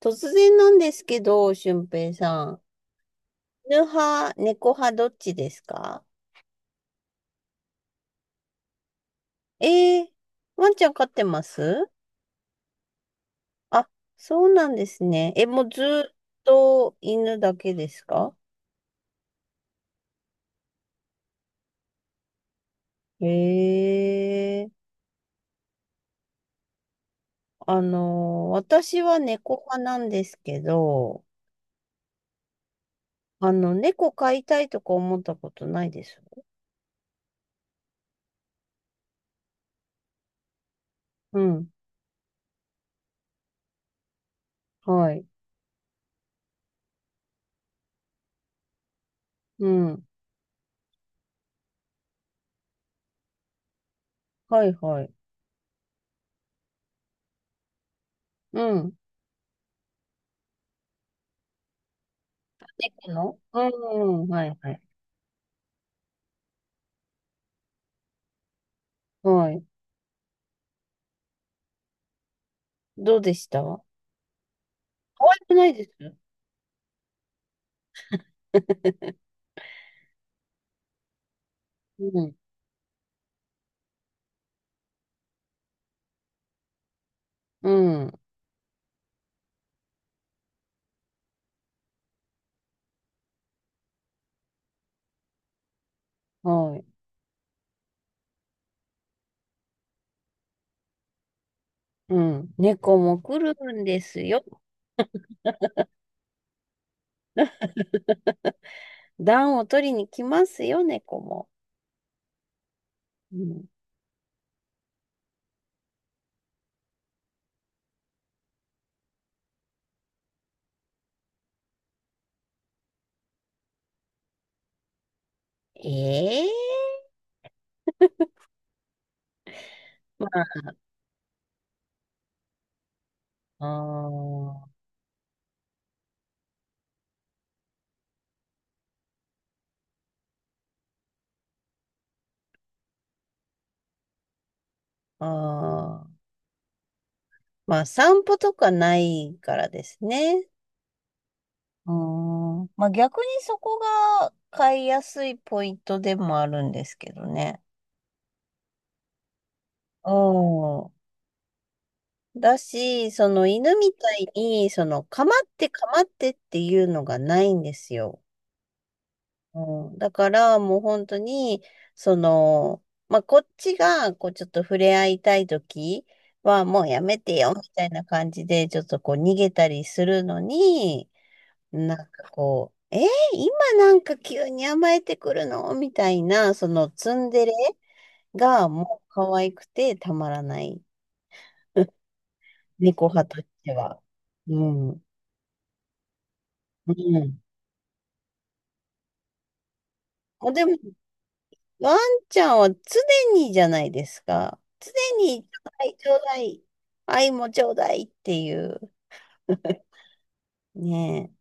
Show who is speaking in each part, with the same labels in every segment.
Speaker 1: 突然なんですけど、俊平さん。犬派、猫派、どっちですか？えー、ワンちゃん飼ってます？あ、そうなんですね。もうずっと犬だけですか？えー、私は猫派なんですけど、猫飼いたいとか思ったことないです。うん、はい、うん、はい、はい。うん、猫のうん、はい、はい。はい。どうでした？可愛くないです？ うん、うん、はい。うん。猫も来るんですよ。暖を取りに来ますよ、猫も。うん、ええ。まあ、あー、あー。まあ、散歩とかないからですね。うーん。まあ、逆にそこが飼いやすいポイントでもあるんですけどね。うん。だし、その犬みたいに、かまってかまってっていうのがないんですよ。うん、だからもう本当に、まあ、こっちが、こうちょっと触れ合いたいときは、もうやめてよ、みたいな感じで、ちょっとこう逃げたりするのに、なんかこう、今なんか急に甘えてくるのみたいな、そのツンデレがもう可愛くてたまらない。猫派としては。うん。うん。あ、でも、ワンちゃんは常にじゃないですか。常に、ちょうだい、ちょうだい、愛もちょうだいっていう。ねえ。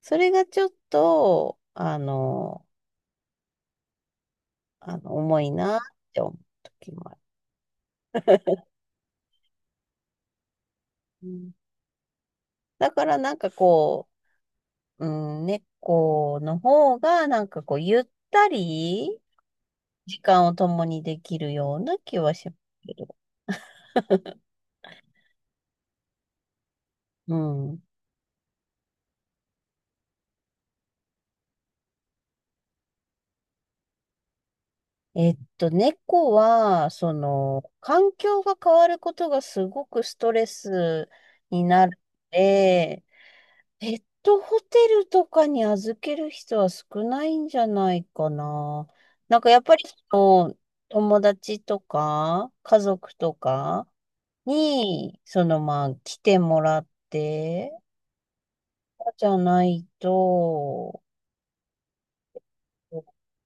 Speaker 1: それがちょっと、あの、重いなって思う時もある。うん。だからなんかこう、うん、猫の方がなんかこう、ゆったり時間を共にできるような気はしますけど。うん。えっと、猫は、環境が変わることがすごくストレスになるので、ペットホテルとかに預ける人は少ないんじゃないかな。なんかやっぱりの、友達とか、家族とかに、まあ、来てもらって、じゃないと、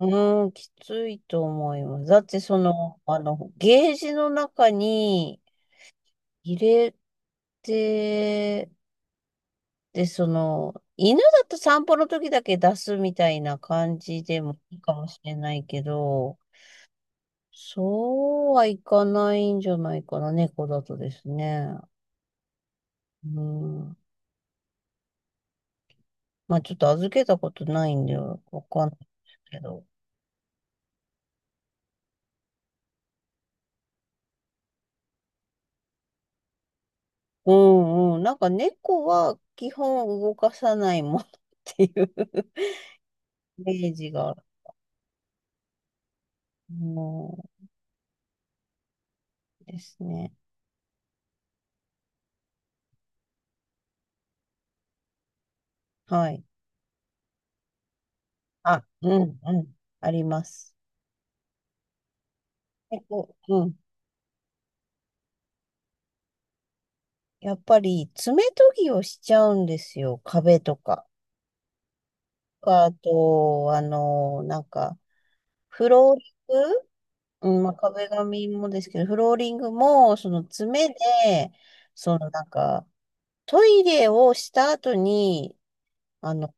Speaker 1: うーん、きついと思います。だってその、ゲージの中に入れて、で、犬だと散歩の時だけ出すみたいな感じでもいいかもしれないけど、そうはいかないんじゃないかな、猫だとですね。うん。まあちょっと預けたことないんで、わかんないですけど。うんうん。なんか猫は基本動かさないもんっていうイメージが、もうですね。はい。あ、うん、うん、あります。結構、うん。やっぱり、爪研ぎをしちゃうんですよ。壁とか。あと、フローリング、うん、まあ、壁紙もですけど、フローリングも、その爪で、そのなんか、トイレをした後に、あの、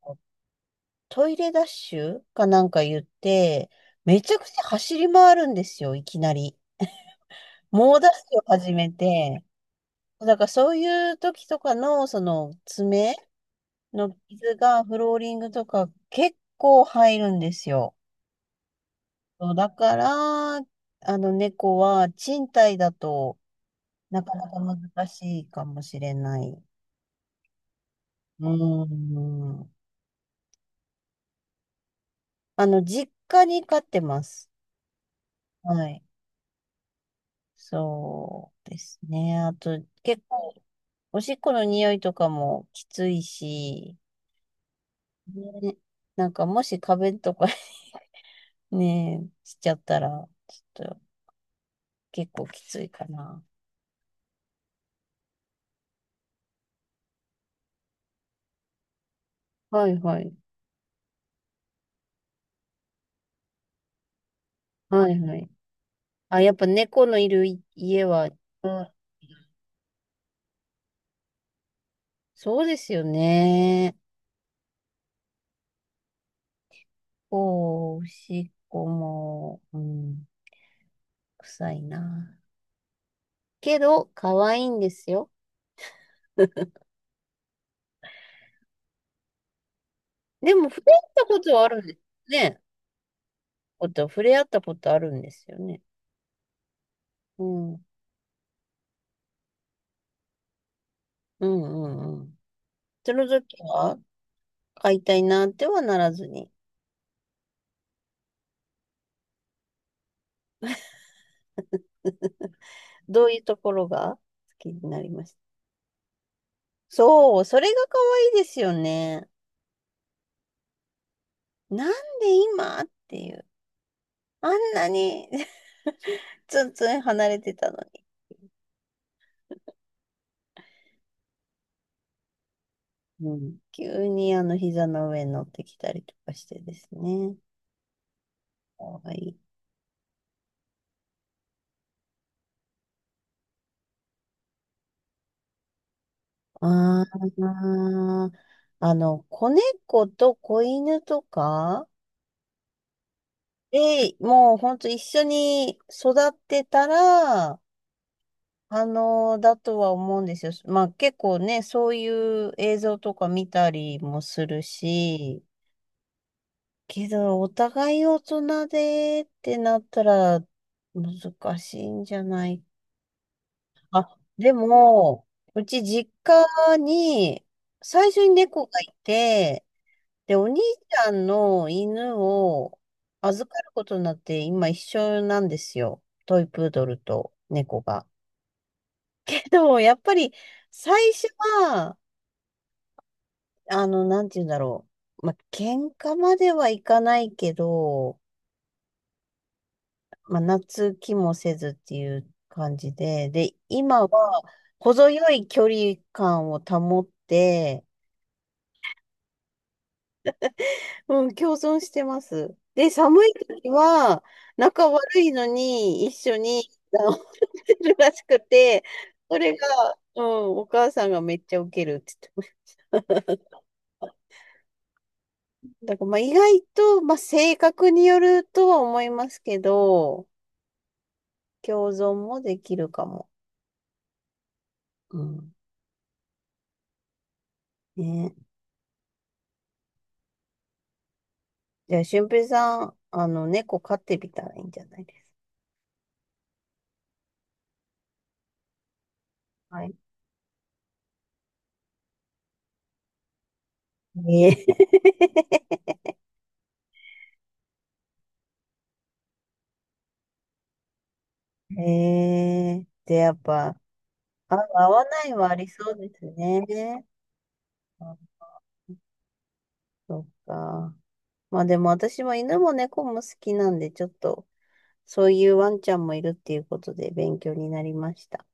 Speaker 1: トイレダッシュかなんか言って、めちゃくちゃ走り回るんですよ、いきなり。猛ダッシュを始めて、だからそういう時とかの、その爪の傷がフローリングとか結構入るんですよ。そうだから、あの猫は賃貸だとなかなか難しいかもしれない。うーん。あの、実家に飼ってます。はい。そうですね。あと、結構、おしっこの匂いとかもきついし、ね、なんかもし壁とかねえ、しちゃったら、ちょっと結構きついかな。はいはい。はいはい。あ、やっぱ猫のいるい家は、うん、そうですよね。おお、おしっこも、うん、臭いな。けど、可愛いんですよ。でも、触れ合ったことはあるんですね。こと触れ合ったことあるんですよね。うん。うんうんうん。その時は、飼いたいなってはならずに、どういうところが好きになりました？そう、それが可愛いですよね。なんで今っていう。あんなに ツンツン離れてたのに。うん。急にあの膝の上に乗ってきたりとかしてですね。可愛い。ああ、あの、子猫と子犬とかで、もうほんと一緒に育ってたら、あの、だとは思うんですよ。まあ結構ね、そういう映像とか見たりもするし、けど、お互い大人でってなったら難しいんじゃない？あ、でも、うち実家に最初に猫がいて、で、お兄ちゃんの犬を預かることになって今一緒なんですよ。トイプードルと猫が。でも、やっぱり最初は、あの、なんて言うんだろう。まあ、喧嘩まではいかないけど、まあ、夏気もせずっていう感じで、で、今は程よい距離感を保って、うん、共存してます。で、寒い時は、仲悪いのに一緒に治っ るらしくて、それが、うん、お母さんがめっちゃウケるって言ってました。だからまあ意外と、まあ、性格によるとは思いますけど、共存もできるかも。うん。ね、じゃあ、俊平さん、あの、猫飼ってみたらいいんじゃないですか。はい。えー、えー、で、やっぱ、あ、合わないはありそうですね。あ、そっか。まあでも私は犬も猫も好きなんで、ちょっと、そういうワンちゃんもいるっていうことで勉強になりました。